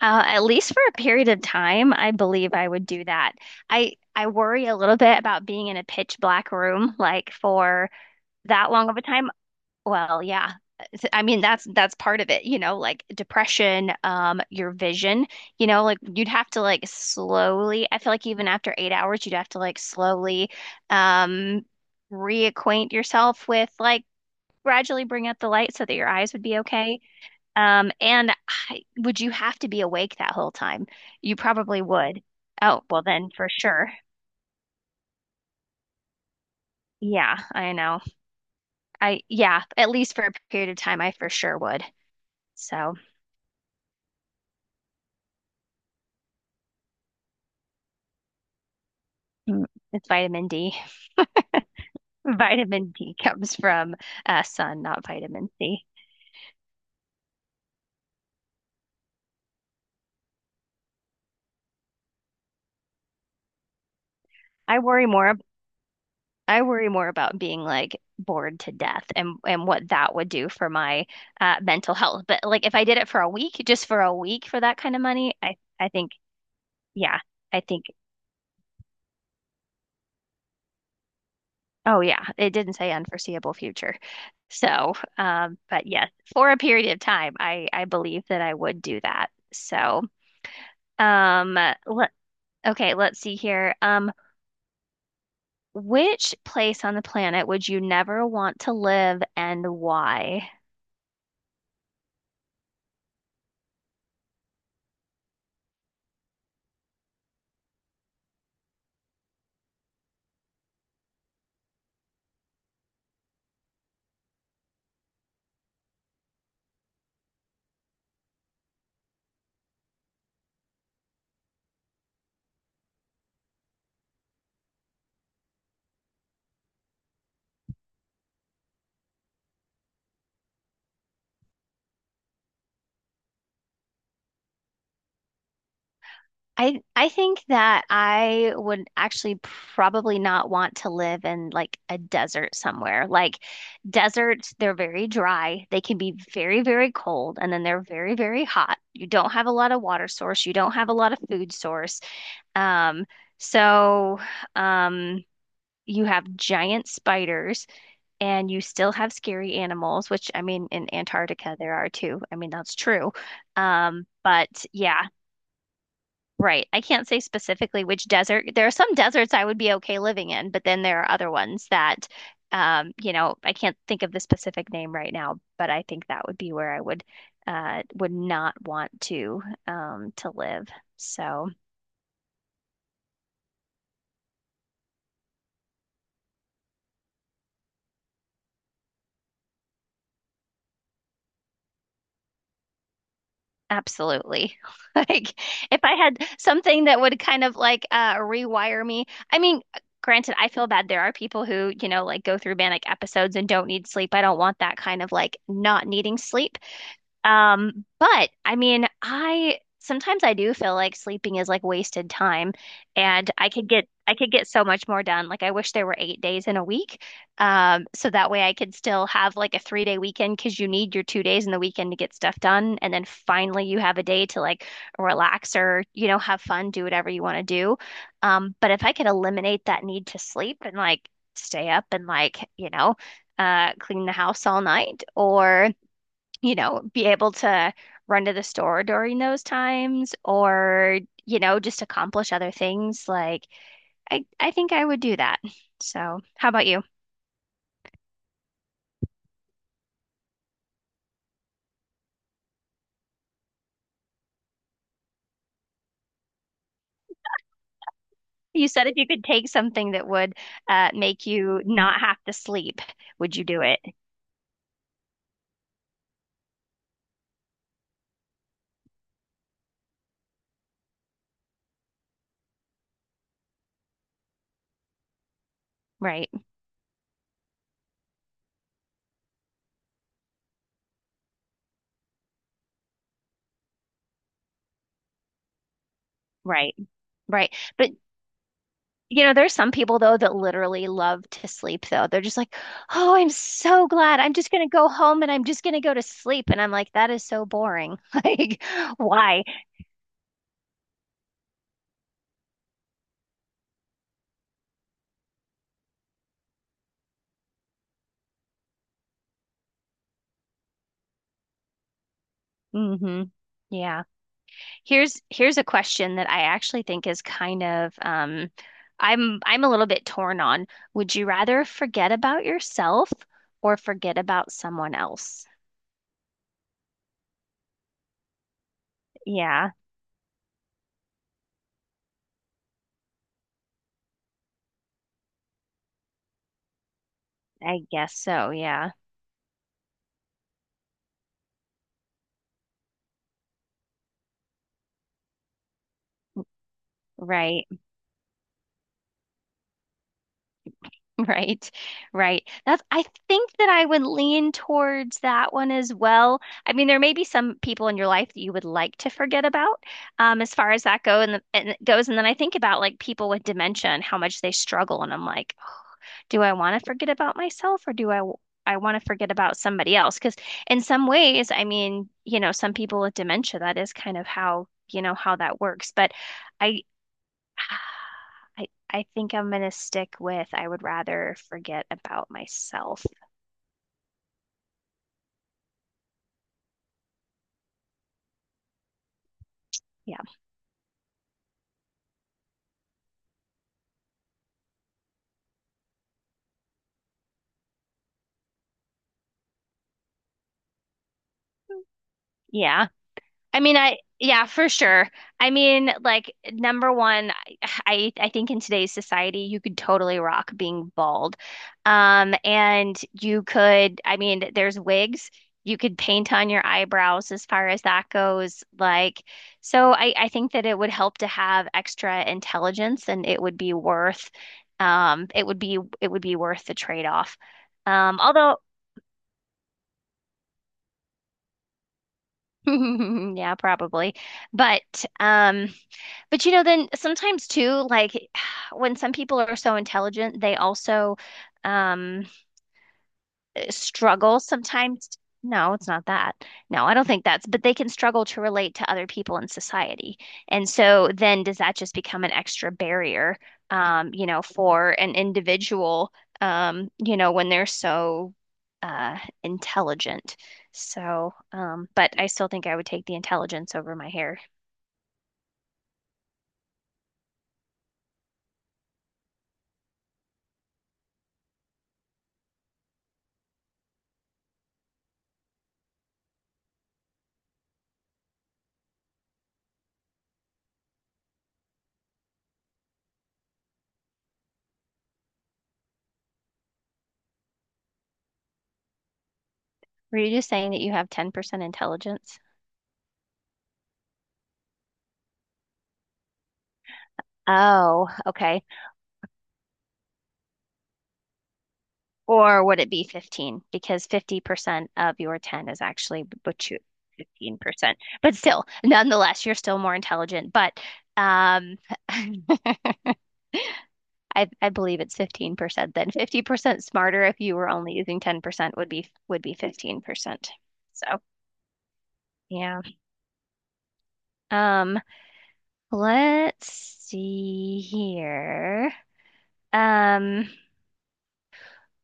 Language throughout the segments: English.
At least for a period of time, I believe I would do that. I worry a little bit about being in a pitch black room like for that long of a time. Well, yeah, I mean, that's part of it, like depression, your vision, like you'd have to like slowly, I feel like even after 8 hours, you'd have to like slowly, um, reacquaint yourself with like gradually bring up the light so that your eyes would be okay. And would you have to be awake that whole time? You probably would. Oh, well then for sure. Yeah, I know. Yeah, at least for a period of time, I for sure would. So mm, it's vitamin D. Vitamin D comes from sun, not vitamin C. I worry more. I worry more about being like bored to death and what that would do for my mental health. But like if I did it for a week, just for a week for that kind of money, I think. Yeah, I think oh yeah, it didn't say unforeseeable future. But yes, for a period of time, I believe that I would do that. So, um, let okay, let's see here. Which place on the planet would you never want to live and why? I think that I would actually probably not want to live in like a desert somewhere. Like deserts, they're very dry. They can be very, very cold, and then they're very, very hot. You don't have a lot of water source. You don't have a lot of food source. Um, so um you have giant spiders. And you still have scary animals, which I mean, in Antarctica there are too. I mean, that's true. But yeah, right. I can't say specifically which desert. There are some deserts I would be okay living in, but then there are other ones that, I can't think of the specific name right now, but I think that would be where I would not want to live. So. Absolutely. Like if I had something that would kind of like rewire me. I mean, granted, I feel bad. There are people who like go through manic episodes and don't need sleep. I don't want that kind of like not needing sleep. But I mean, I sometimes I do feel like sleeping is like wasted time and I could get so much more done. Like I wish there were 8 days in a week. So that way I could still have like a 3-day weekend because you need your 2 days in the weekend to get stuff done. And then finally you have a day to like relax or, you know, have fun, do whatever you want to do. But if I could eliminate that need to sleep and like stay up and like, clean the house all night or be able to run to the store during those times or, just accomplish other things. Like I think I would do that. So how about you? You said if you could take something that would make you not have to sleep, would you do it? Right, right, right. But you know, there's some people though that literally love to sleep though. They're just like, "Oh, I'm so glad. I'm just gonna go home and I'm just gonna go to sleep." And I'm like, that is so boring. Like, why? Hmm. Yeah. Here's a question that I actually think is kind of I'm a little bit torn on. Would you rather forget about yourself or forget about someone else? Yeah, I guess so. Yeah. Right. Right. Right. That's I think that I would lean towards that one as well. I mean, there may be some people in your life that you would like to forget about, as far as that go and it goes. And then I think about like people with dementia and how much they struggle, and I'm like, do I want to forget about myself or do I want to forget about somebody else? Because in some ways, I mean, you know, some people with dementia, that is kind of how, you know, how that works. But I I think I'm gonna stick with I would rather forget about myself. Yeah. Yeah. I mean, I yeah, for sure. I mean, like number one, I think in today's society, you could totally rock being bald. And you could, I mean, there's wigs. You could paint on your eyebrows as far as that goes. Like, so I think that it would help to have extra intelligence, and it would be worth, it would be worth the trade-off. Although, yeah, probably, but um. But you know, then sometimes too, like when some people are so intelligent, they also um struggle sometimes. No, it's not that. No, I don't think but they can struggle to relate to other people in society. And so then does that just become an extra barrier, you know, for an individual, you know, when they're so uh intelligent. But I still think I would take the intelligence over my hair. Were you just saying that you have 10% intelligence? Oh, okay. Or would it be 15? Because 50% of your 10 is actually what you. 15%. But still, nonetheless, you're still more intelligent. But um, I, I believe it's 15% then. 50% smarter if you were only using 10% would be 15%. So, yeah. Um, let's see here. Um,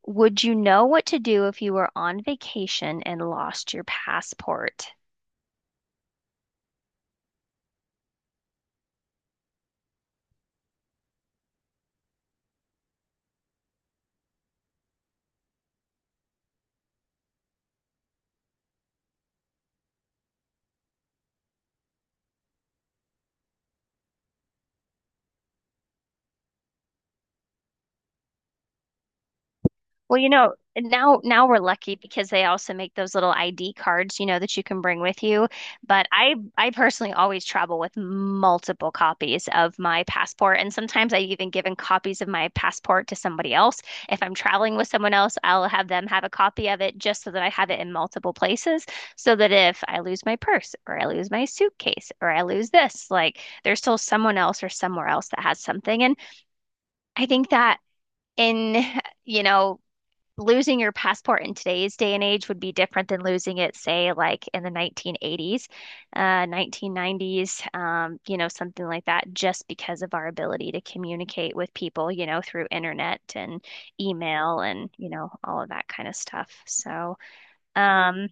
would you know what to do if you were on vacation and lost your passport? Well, you know, now we're lucky because they also make those little ID cards, you know, that you can bring with you. But I personally always travel with multiple copies of my passport, and sometimes I've even given copies of my passport to somebody else. If I'm traveling with someone else, I'll have them have a copy of it just so that I have it in multiple places, so that if I lose my purse or I lose my suitcase or I lose this, like there's still someone else or somewhere else that has something. And I think that in, you know, losing your passport in today's day and age would be different than losing it, say, like in the 1980s, 1990s, you know, something like that, just because of our ability to communicate with people, you know, through internet and email and, you know, all of that kind of stuff. Um,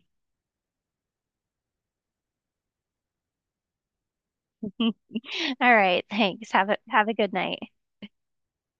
all right, thanks. Have a good night.